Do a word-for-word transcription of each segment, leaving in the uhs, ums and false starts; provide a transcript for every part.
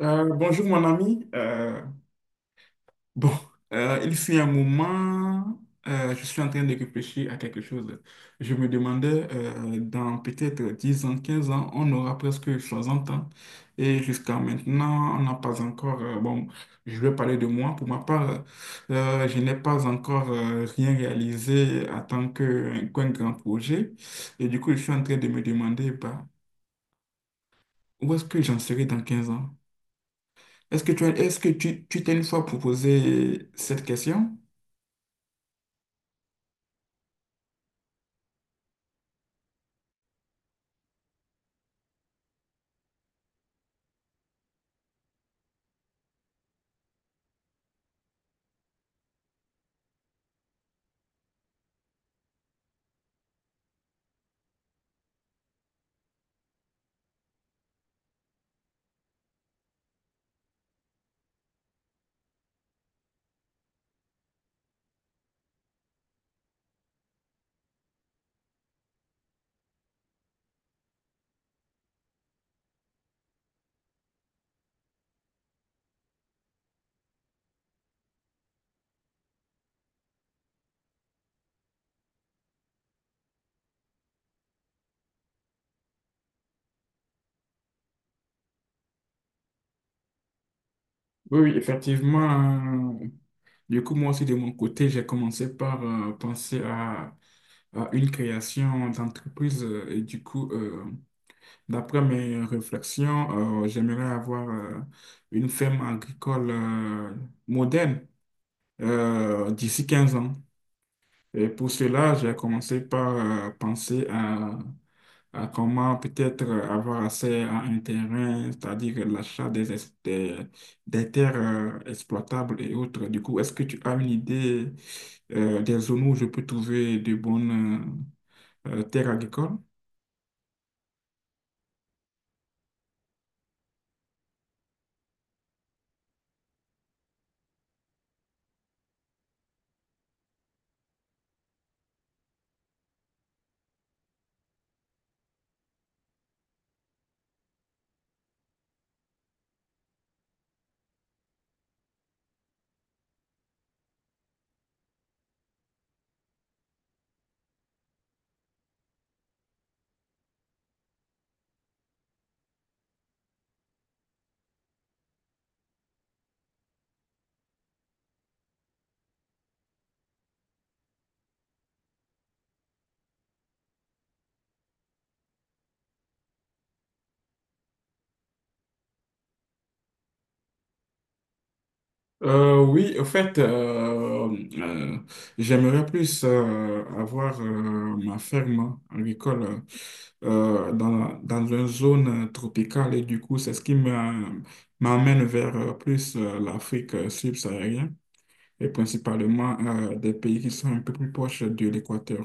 Euh, bonjour mon ami. Euh, bon, euh, il fut un moment, euh, je suis en train de réfléchir à quelque chose. Je me demandais, euh, dans peut-être dix ans, quinze ans, on aura presque soixante ans. Et jusqu'à maintenant, on n'a pas encore... euh, bon, je vais parler de moi. Pour ma part, euh, je n'ai pas encore euh, rien réalisé en tant que, qu'un grand projet. Et du coup, je suis en train de me demander, bah, où est-ce que j'en serai dans quinze ans? Est-ce que tu as- est-ce que tu, tu t'es une fois proposé cette question? Oui, oui, effectivement. euh, Du coup, moi aussi, de mon côté, j'ai commencé par euh, penser à, à une création d'entreprise. euh, Et du coup, euh, d'après mes réflexions, euh, j'aimerais avoir euh, une ferme agricole euh, moderne euh, d'ici quinze ans. Et pour cela, j'ai commencé par euh, penser à, à comment peut-être avoir accès à un terrain, c'est-à-dire l'achat des, es- des, des terres euh, exploitables et autres. Du coup, est-ce que tu as une idée euh, des zones où je peux trouver de bonnes euh, euh, terres agricoles? Euh, oui, en fait, euh, euh, j'aimerais plus euh, avoir euh, ma ferme agricole euh, dans, dans une zone tropicale et du coup, c'est ce qui m'a- m'amène vers euh, plus euh, l'Afrique euh, subsaharienne et principalement euh, des pays qui sont un peu plus proches de l'équateur.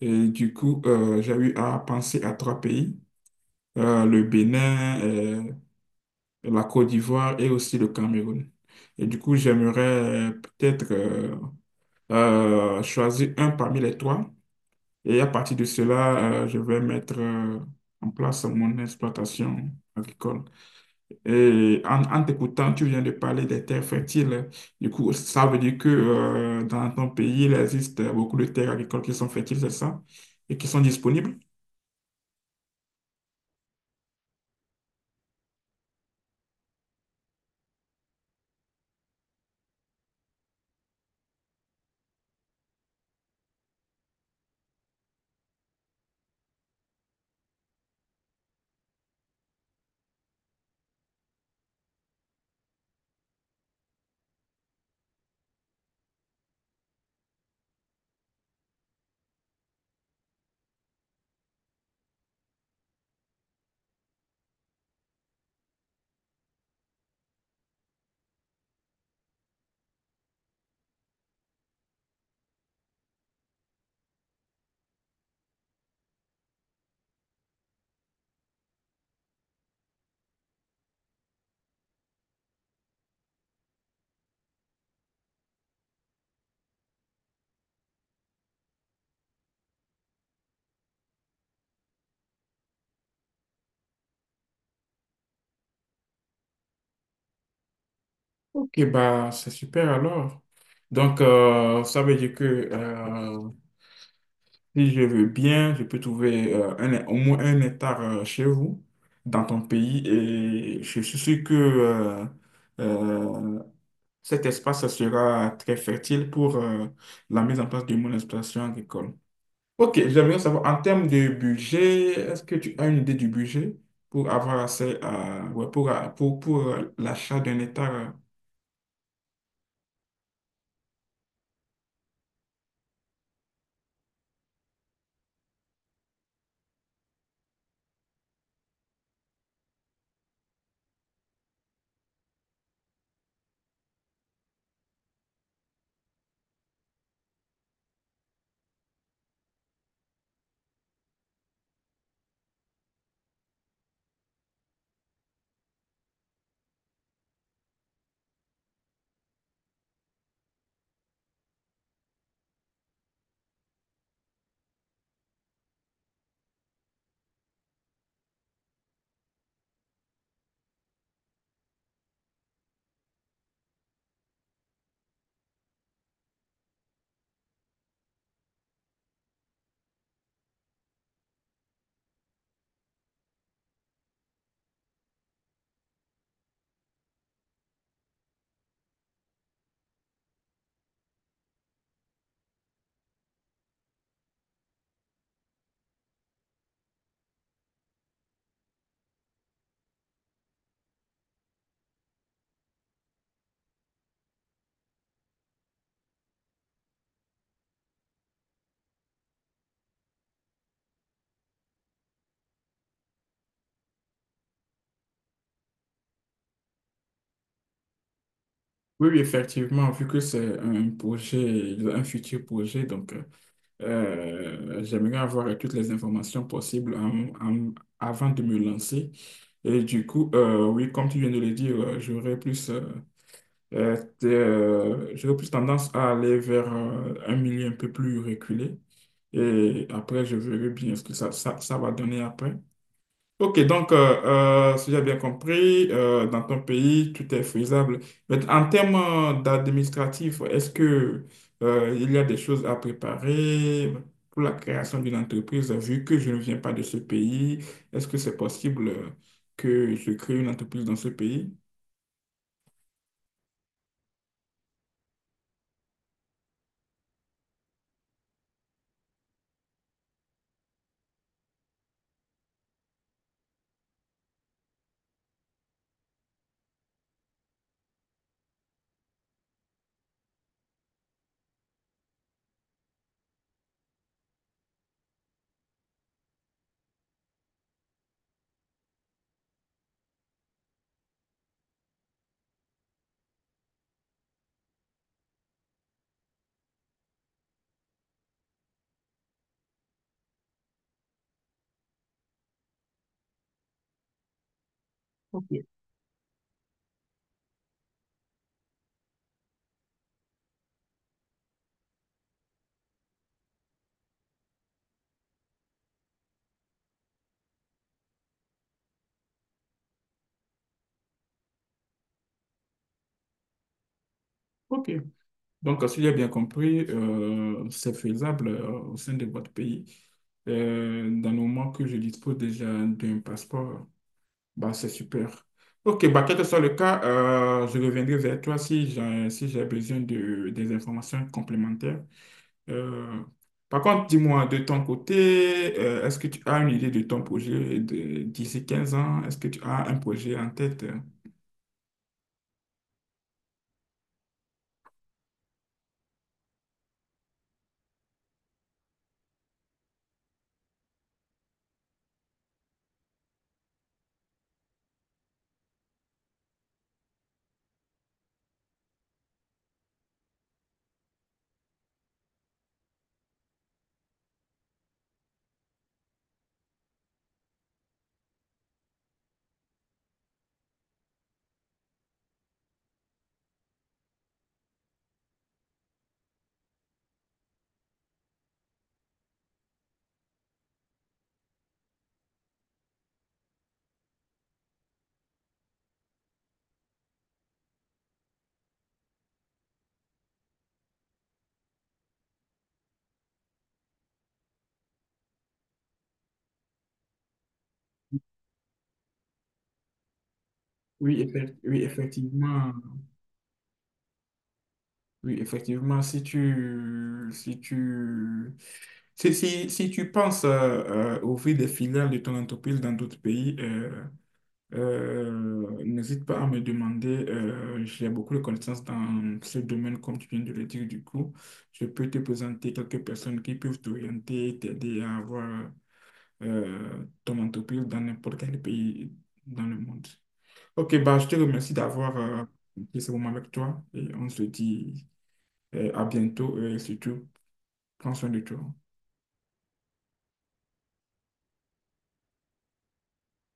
Et du coup, euh, j'ai eu à penser à trois pays, euh, le Bénin, euh, la Côte d'Ivoire et aussi le Cameroun. Et du coup, j'aimerais euh, peut-être euh, euh, choisir un parmi les trois. Et à partir de cela, euh, je vais mettre euh, en place mon exploitation agricole. Et en, en t'écoutant, tu viens de parler des terres fertiles. Du coup, ça veut dire que euh, dans ton pays, il existe beaucoup de terres agricoles qui sont fertiles, c'est ça? Et qui sont disponibles? Ok, bah, c'est super alors. Donc, euh, ça veut dire que euh, si je veux bien, je peux trouver euh, un- au moins un hectare euh, chez vous, dans ton pays, et je suis sûr que euh, euh, cet espace sera très fertile pour euh, la mise en place de mon exploitation agricole. Ok, j'aimerais savoir, en termes de budget, est-ce que tu as une idée du budget pour avoir accès à, ouais, pour, pour, pour euh, l'achat d'un hectare? Euh, Oui, oui, effectivement, vu que c'est un projet, un futur projet, donc. Euh, Euh, j'aimerais avoir toutes les informations possibles en- en- avant de me lancer. Et du coup, euh, oui, comme tu viens de le dire, euh, j'aurais plus, euh, euh, t- euh, j'aurais plus tendance à aller vers euh, un milieu un peu plus reculé. Et après, je verrai bien ce que ça, ça, ça va donner après. Ok, donc, euh, euh, si j'ai bien compris, euh, dans ton pays, tout est faisable. Mais en termes euh, d'administratif, est-ce que, euh, il y a des choses à préparer pour la création d'une entreprise, vu que je ne viens pas de ce pays? Est-ce que c'est possible euh, que je crée une entreprise dans ce pays? Ok, donc, euh, si j'ai bien compris, euh, c'est faisable euh, au sein de votre pays. Euh, dans le moment que je dispose déjà d'un passeport. Bah, c'est super. Ok, bah, quel que soit le cas, euh, je reviendrai vers toi si j'ai si j'ai besoin de, des informations complémentaires. Euh, Par contre, dis-moi, de ton côté, euh, est-ce que tu as une idée de ton projet de- d'ici quinze ans? Est-ce que tu as un projet en tête? Oui, effect- oui, effectivement. Oui, effectivement, si tu, si tu, si, si, si tu penses euh, euh, ouvrir des filiales de ton entreprise dans d'autres pays, euh, euh, n'hésite pas à me demander. Euh, j'ai beaucoup de connaissances dans ce domaine, comme tu viens de le dire. Du coup, je peux te présenter quelques personnes qui peuvent t'orienter, t'aider à avoir euh, ton entreprise dans n'importe quel pays dans le monde. Ok, bah, je te remercie d'avoir euh, pris ce moment avec toi et on se dit. Et à bientôt et surtout, prends soin de toi.